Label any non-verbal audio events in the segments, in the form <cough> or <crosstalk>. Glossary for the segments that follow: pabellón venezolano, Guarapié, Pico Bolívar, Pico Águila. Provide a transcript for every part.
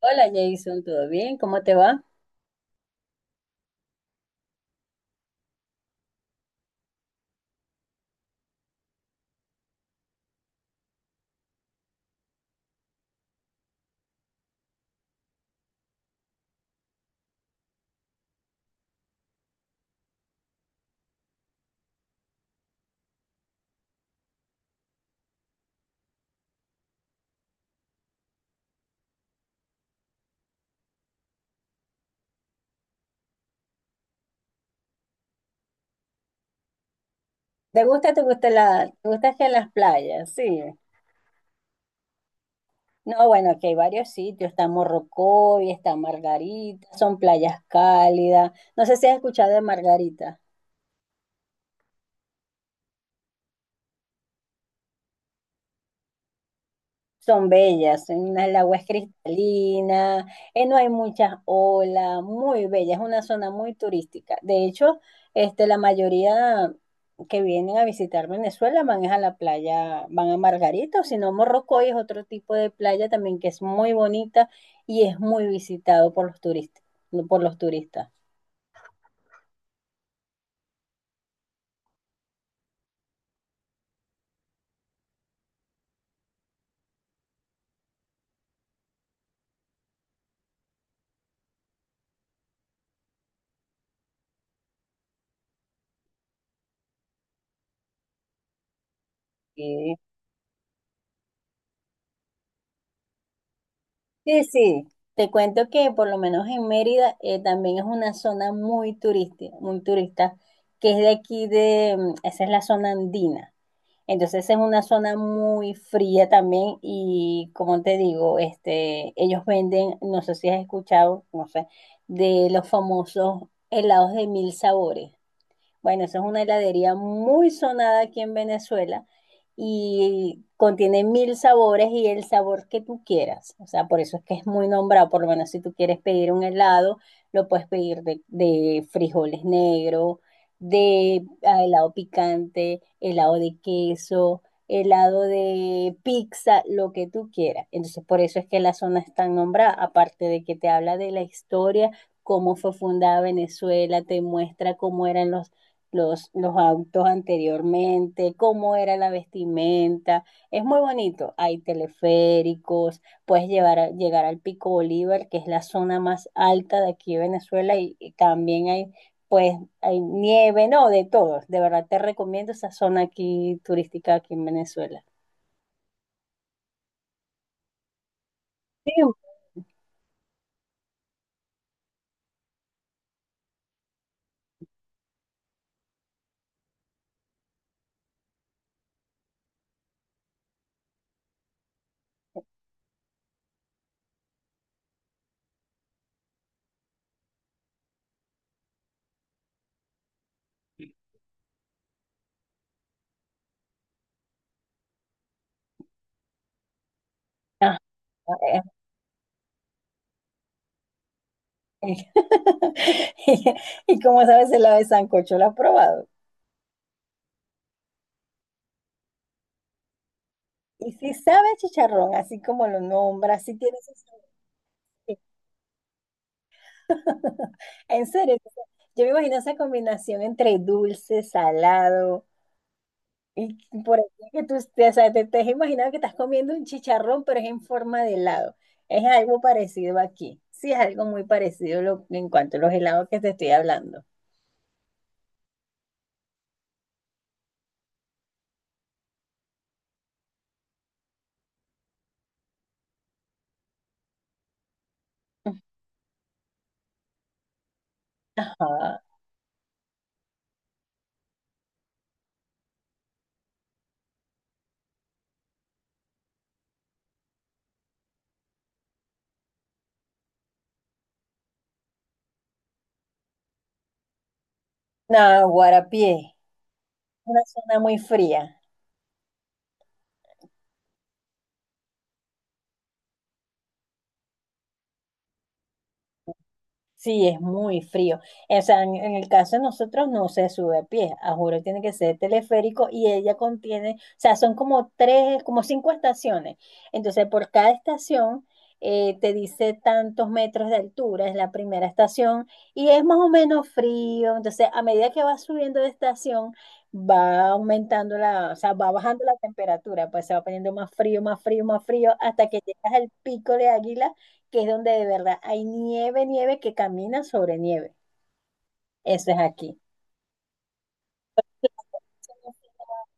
Hola Jason, ¿todo bien? ¿Cómo te va? ¿Te gusta que las playas? Sí. No, bueno, aquí hay varios sitios, está Morrocoy, está Margarita, son playas cálidas. No sé si has escuchado de Margarita. Son bellas, el agua es cristalina, no hay muchas olas, muy bella, es una zona muy turística. De hecho, la mayoría que vienen a visitar Venezuela van es a la playa, van a Margarita, o si no, Morrocoy es otro tipo de playa también que es muy bonita y es muy visitado por los turistas. Sí, sí, te cuento que por lo menos en Mérida también es una zona muy turística, muy turista, que es de aquí esa es la zona andina. Entonces es una zona muy fría también y como te digo, ellos venden, no sé si has escuchado, no sé, de los famosos helados de mil sabores. Bueno, esa es una heladería muy sonada aquí en Venezuela y contiene mil sabores y el sabor que tú quieras. O sea, por eso es que es muy nombrado. Por lo menos si tú quieres pedir un helado, lo puedes pedir de, frijoles negros, helado picante, helado de queso, helado de pizza, lo que tú quieras. Entonces, por eso es que la zona es tan nombrada, aparte de que te habla de la historia, cómo fue fundada Venezuela, te muestra cómo eran los los autos anteriormente, cómo era la vestimenta. Es muy bonito. Hay teleféricos, puedes llegar al Pico Bolívar, que es la zona más alta de aquí de Venezuela, y también pues hay nieve, no, de todos. De verdad te recomiendo esa zona aquí turística aquí en Venezuela. Sí, ajá. eh, eh. <laughs> Y y como sabes, el ave sancocho, ¿lo has probado? Y si sabe a chicharrón, así como lo nombra, si tiene su sentido. <laughs> En serio, o sea, yo me imagino esa combinación entre dulce, salado, y por aquí que o sea, te has imaginado que estás comiendo un chicharrón, pero es en forma de helado. Es algo parecido aquí. Sí, es algo muy parecido en cuanto a los helados que te estoy hablando. Ajá. No, Guarapié, una zona muy fría. Sí, es muy frío. O sea, en el caso de nosotros no se sube a pie, a juro, tiene que ser teleférico y ella contiene, o sea, son como tres, como cinco estaciones. Entonces, por cada estación te dice tantos metros de altura, es la primera estación y es más o menos frío. Entonces, a medida que va subiendo de estación, va aumentando o sea, va bajando la temperatura, pues se va poniendo más frío, más frío, más frío, hasta que llegas al pico de Águila, que es donde de verdad hay nieve, nieve que camina sobre nieve. Eso es aquí.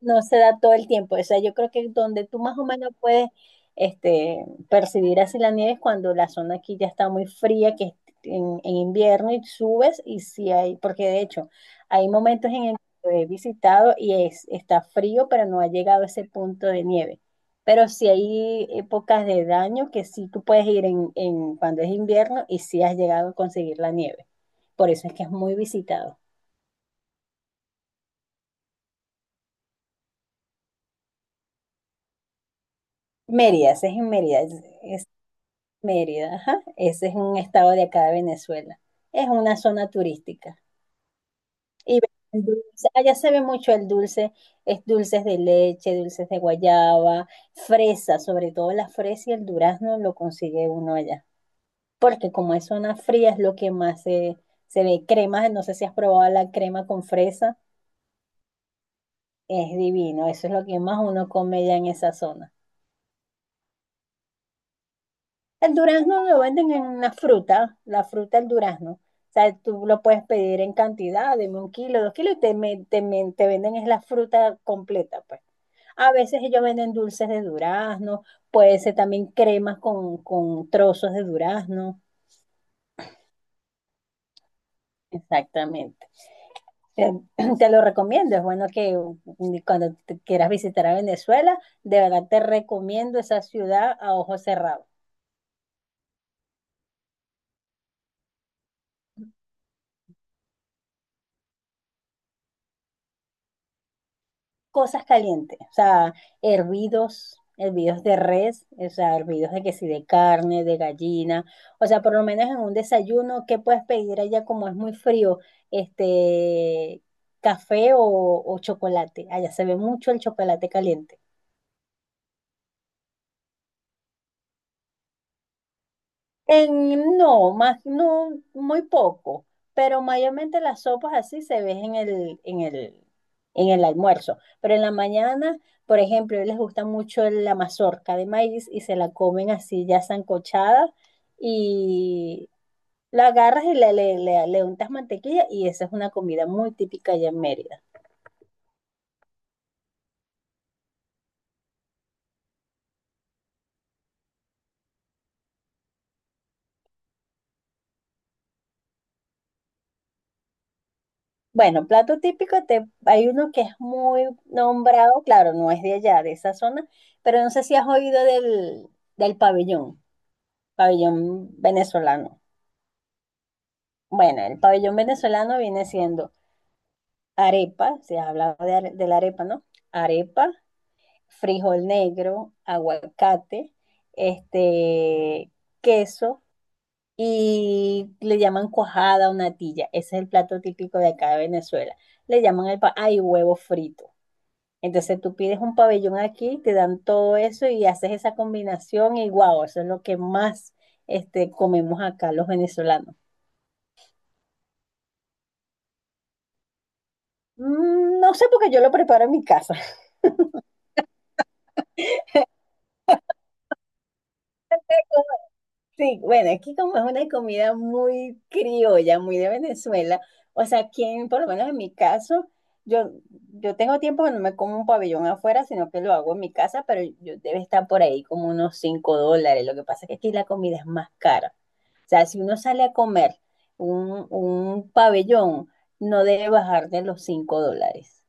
No se da todo el tiempo. O sea, yo creo que donde tú más o menos puedes percibir así la nieve es cuando la zona aquí ya está muy fría, que es en invierno y subes y si hay, porque de hecho hay momentos en el que lo he visitado y está frío, pero no ha llegado a ese punto de nieve. Pero si hay épocas de daño que sí tú puedes ir en cuando es invierno y sí has llegado a conseguir la nieve. Por eso es que es muy visitado. Mérida, ese es en Mérida. Es- Mérida, ajá. Ese es un estado de acá de Venezuela. Es una zona turística. Y venden dulce. Allá se ve mucho el dulce, es dulces de leche, dulces de guayaba, fresa, sobre todo la fresa y el durazno lo consigue uno allá. Porque como es zona fría, es lo que más se ve. Crema, no sé si has probado la crema con fresa, es divino. Eso es lo que más uno come ya en esa zona. El durazno lo venden en la fruta del durazno. O sea, tú lo puedes pedir en cantidad, deme 1 kilo, 2 kilos, y te venden es la fruta completa, pues. A veces ellos venden dulces de durazno, puede ser también cremas con trozos de durazno. Exactamente. Eh, <clears throat> Te lo recomiendo, es bueno que cuando te quieras visitar a Venezuela, de verdad te recomiendo esa ciudad a ojos cerrados. Cosas calientes, o sea, hervidos de res, o sea, hervidos de que sí, de carne, de gallina, o sea, por lo menos en un desayuno, ¿qué puedes pedir allá como es muy frío? Este, café o chocolate, allá se ve mucho el chocolate caliente. No, más, no, muy poco, pero mayormente las sopas así se ven en el almuerzo. Pero en la mañana, por ejemplo, a ellos les gusta mucho la mazorca de maíz y se la comen así ya sancochada y la agarras y le untas mantequilla y esa es una comida muy típica allá en Mérida. Bueno, plato típico, hay uno que es muy nombrado, claro, no es de allá, de esa zona, pero no sé si has oído del pabellón. Pabellón venezolano. Bueno, el pabellón venezolano viene siendo arepa, se habla de la arepa, ¿no? Arepa, frijol negro, aguacate, este, queso y le llaman cuajada o natilla. Ese es el plato típico de acá de Venezuela. Le llaman el pa ay, huevo frito. Entonces tú pides un pabellón aquí, te dan todo eso y haces esa combinación y guau, eso es lo que más comemos acá los venezolanos. No sé porque yo lo preparo en mi casa. <laughs> Sí, bueno, aquí como es una comida muy criolla, muy de Venezuela, o sea, aquí por lo menos en mi caso, yo, yo tengo tiempo que no me como un pabellón afuera, sino que lo hago en mi casa, pero yo debe estar por ahí como unos 5 dólares. Lo que pasa es que aquí la comida es más cara. O sea, si uno sale a comer un pabellón, no debe bajar de los 5 dólares.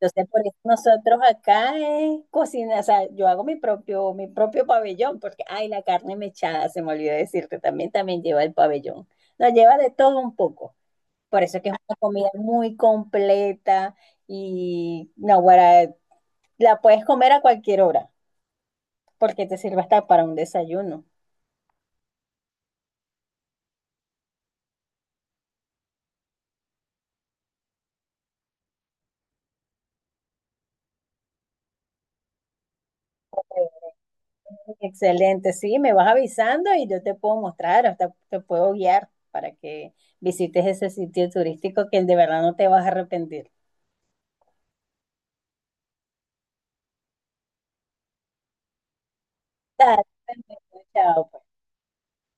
Entonces, por eso nosotros acá es cocina, o sea, yo hago mi propio pabellón, porque, ay, la carne mechada, se me olvidó decirte, también lleva el pabellón. Nos lleva de todo un poco. Por eso es que es una comida muy completa y no, guara, la puedes comer a cualquier hora, porque te sirve hasta para un desayuno. Excelente, sí, me vas avisando y yo te puedo mostrar, hasta te puedo guiar para que visites ese sitio turístico que de verdad no te vas a arrepentir. Dale, perfecto, chao, pues.